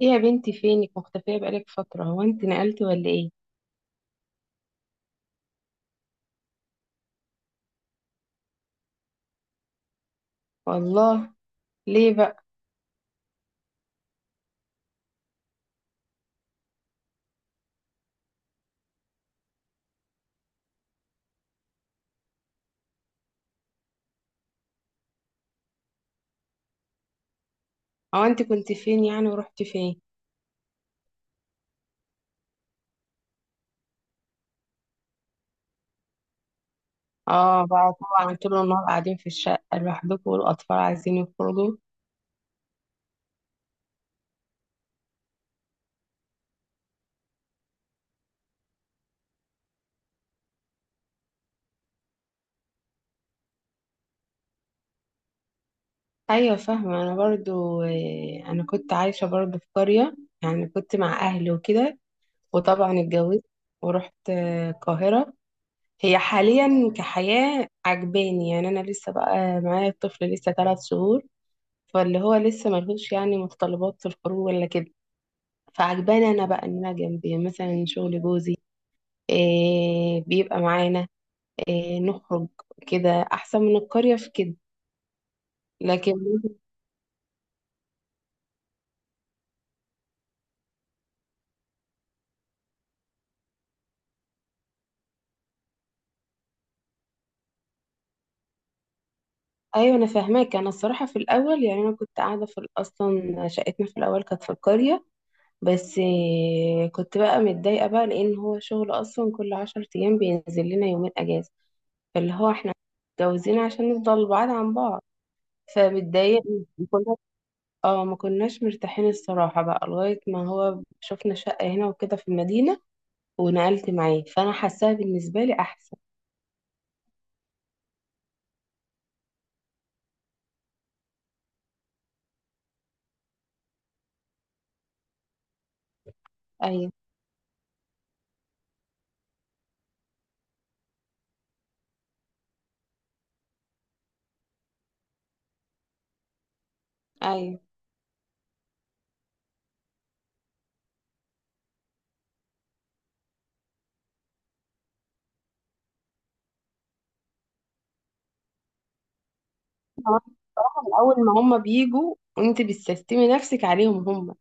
ايه يا بنتي، فينك مختفية بقالك فترة؟ هو انت نقلتي ولا ايه؟ والله. ليه بقى؟ هو انت كنت فين يعني ورحتي فين؟ اه بقى. طبعا طول النهار قاعدين في الشقة لوحدكم والاطفال عايزين يخرجوا. ايوه فاهمة، انا برضو انا كنت عايشة برضو في قرية، يعني كنت مع اهلي وكده، وطبعا اتجوزت ورحت القاهرة. هي حاليا كحياة عجباني، يعني انا لسه بقى معايا الطفل لسه 3 شهور، فاللي هو لسه ملهوش يعني متطلبات في الخروج ولا كده. فعجباني انا بقى ان انا جنب مثلا شغل جوزي، إيه بيبقى معانا، إيه نخرج، كده احسن من القرية في كده، لكن ايوه انا فاهماك. انا الصراحه في الاول، يعني انا كنت قاعده في اصلا شقتنا في الاول كانت في القريه. بس إيه، كنت بقى متضايقه بقى، لان هو شغل اصلا كل 10 ايام بينزل لنا 2 اجازه، فاللي هو احنا متجوزين عشان نفضل بعاد عن بعض، فمتضايقه. اه ما كناش مرتاحين الصراحة بقى، لغاية ما هو شفنا شقة هنا وكده في المدينة، ونقلت معاه فأنا حاساها بالنسبة لي أحسن. أيوة. أيوة كمان، الصراحة من أول ما هما بيجوا أنت بتستسلمي نفسك عليهم هما.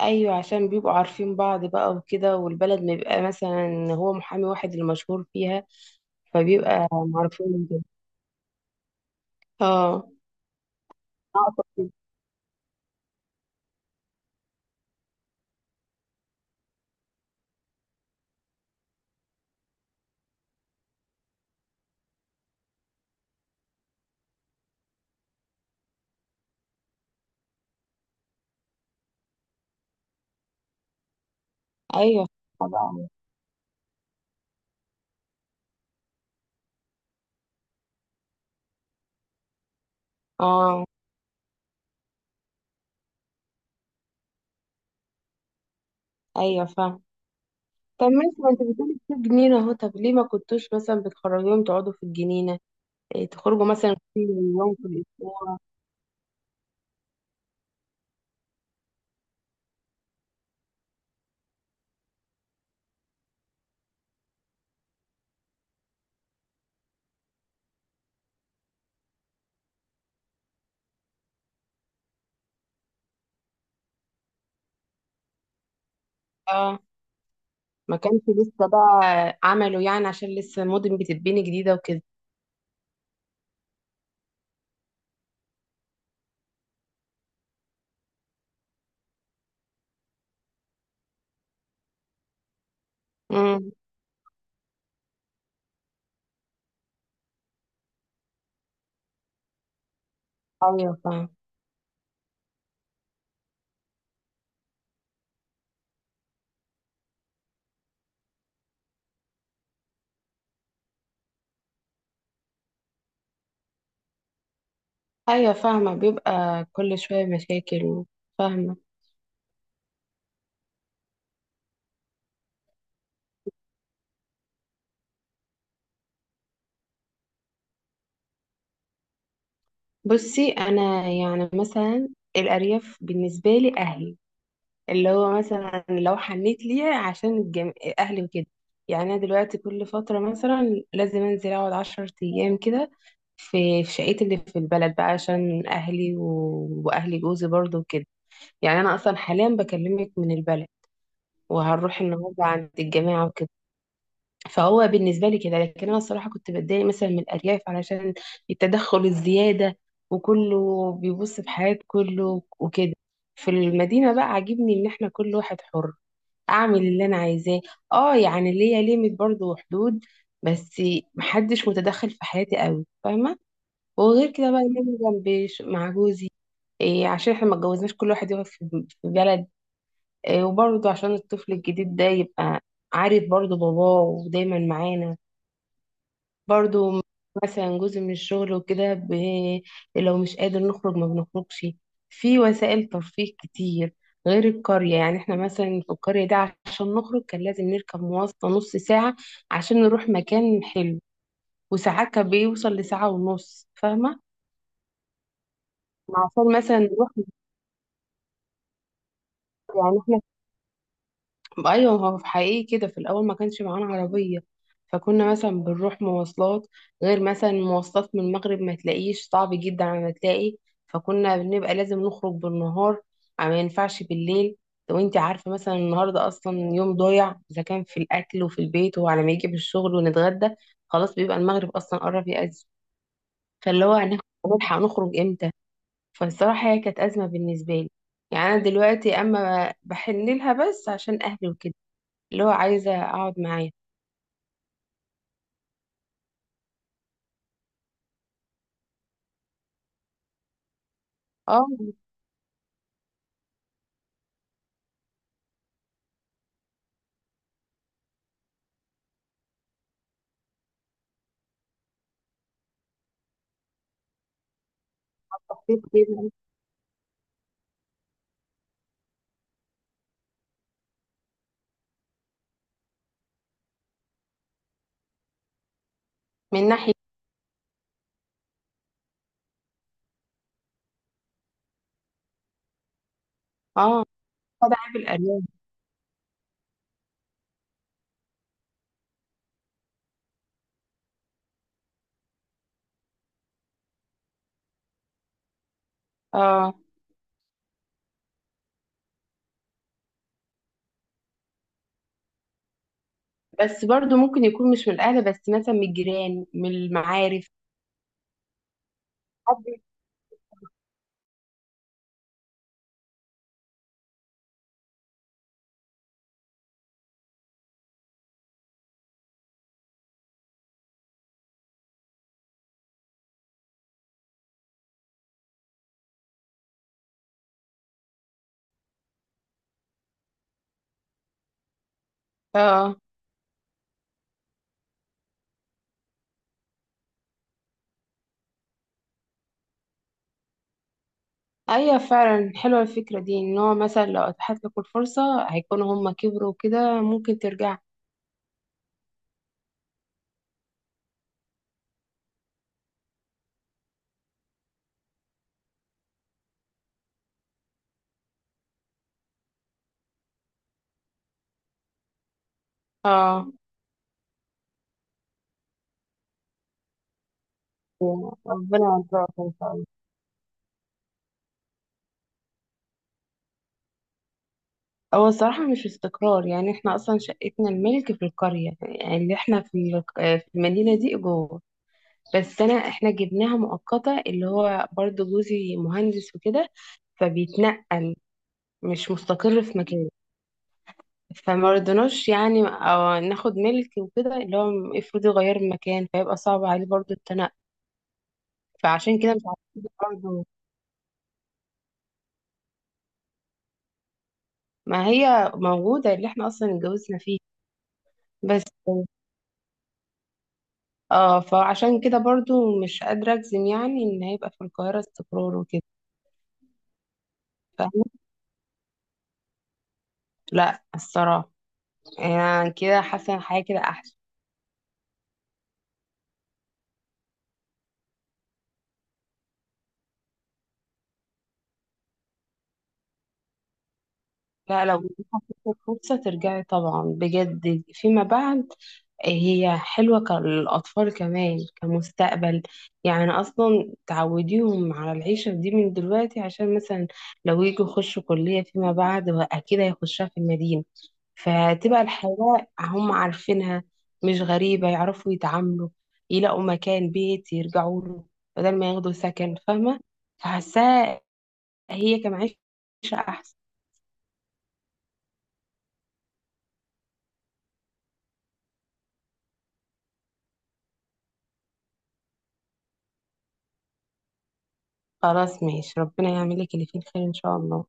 أيوة، عشان بيبقوا عارفين بعض بقى وكده، والبلد ما بيبقى مثلا هو محامي واحد المشهور فيها، فبيبقى معروفين من كده. اه، أقصد كده. أيوة بقى. اه. أيوة فاهمة. طب ماشي، ما انت بتقولي في جنينة اهو، طب ليه ما كنتوش مثلا بتخرجيهم تقعدوا في الجنينة، إيه تخرجوا مثلا كل يوم في الأسبوع؟ اه، ما كانش لسه بقى عملوا يعني، عشان لسه المدن بتتبني جديدة وكده. امم، ايوه فاهمة. ايوه فاهمة، بيبقى كل شوية مشاكل، فاهمة. بصي انا يعني مثلا، الأرياف بالنسبة لي أهلي، اللي هو مثلا لو حنيت ليها عشان اهلي وكده. يعني انا دلوقتي كل فتره مثلا لازم انزل اقعد 10 ايام كده في شقتي اللي في البلد بقى، عشان اهلي واهلي جوزي برضو وكده. يعني انا اصلا حاليا بكلمك من البلد، وهنروح النهارده عند الجماعه وكده. فهو بالنسبه لي كده، لكن انا الصراحه كنت بتضايق مثلا من الارياف، علشان التدخل الزياده وكله بيبص في حياه كله وكده. في المدينه بقى عاجبني ان احنا كل واحد حر، اعمل اللي انا عايزاه. اه يعني ليا ليميت برضو وحدود، بس محدش متدخل في حياتي قوي، فاهمه. وغير كده بقى ان انا جنبي مع جوزي، إيه عشان احنا ما اتجوزناش كل واحد يقعد في في بلد، إيه وبرضو عشان الطفل الجديد ده يبقى عارف برضو باباه ودايما معانا، برضو. مثلا جزء من الشغل وكده لو مش قادر نخرج ما بنخرجش، في وسائل ترفيه كتير غير القرية. يعني احنا مثلا في القرية دي عشان نخرج كان لازم نركب مواصلة نص ساعة عشان نروح مكان حلو، وساعات كان بيوصل لساعة ونص، فاهمة؟ عشان مثلا نروح، يعني احنا ايوه، هو في حقيقي كده في الاول ما كانش معانا عربيه، فكنا مثلا بنروح مواصلات، غير مثلا مواصلات من المغرب ما تلاقيش، صعب جدا على ما تلاقي، فكنا بنبقى لازم نخرج بالنهار ما ينفعش بالليل. لو انت عارفه مثلا النهارده اصلا يوم ضايع، اذا كان في الاكل وفي البيت وعلى ما يجي بالشغل ونتغدى، خلاص بيبقى المغرب اصلا قرب يأذن، فاللي هو هنلحق نخرج امتى؟ فالصراحه هي كانت ازمه بالنسبه لي. يعني انا دلوقتي اما بحن لها بس عشان اهلي وكده، اللي هو عايزة أقعد معاه. اه حسيت كده، من ناحية. اه طبعا، عيب القرايب. اه بس برضو ممكن يكون مش من الأهل، بس مثلا من الجيران من المعارف، حد. اه. أيوة فعلا حلوة الفكرة دي، إن هو مثلا لو أتاحت لك الفرصة هيكونوا هما كبروا كده، ممكن ترجع. اه، ربنا يرزقك إن شاء الله. هو الصراحة مش استقرار، يعني احنا أصلا شقتنا الملك في القرية، يعني اللي احنا في في المدينة دي إيجار. بس انا احنا جبناها مؤقتة، اللي هو برضو جوزي مهندس وكده فبيتنقل، مش مستقر في مكان، فما رضناش يعني أو ناخد ملك وكده، اللي هو افرض يغير المكان فيبقى صعب عليه برضو التنقل، فعشان كده مش عارفين. برضو ما هي موجودة اللي احنا اصلا اتجوزنا فيه، بس. اه فعشان كده برضو مش قادرة اجزم يعني ان هيبقى في القاهرة استقرار وكده، فاهمة؟ لا الصراحة، يعني كده حاسة إن حاجة كده احسن. لا، لو جاتلك فرصة ترجعي طبعا بجد فيما بعد، هي حلوة للأطفال كمان، كمستقبل. يعني أصلا تعوديهم على العيشة دي من دلوقتي، عشان مثلا لو يجوا يخشوا كلية فيما بعد أكيد هيخشها في المدينة، فتبقى الحياة هم عارفينها، مش غريبة، يعرفوا يتعاملوا، يلاقوا مكان بيت يرجعوا له بدل ما ياخدوا سكن، فاهمة؟ فحاساها هي كمعيشة أحسن. خلاص ماشي، ربنا يعمل لك اللي فيه الخير ان شاء الله.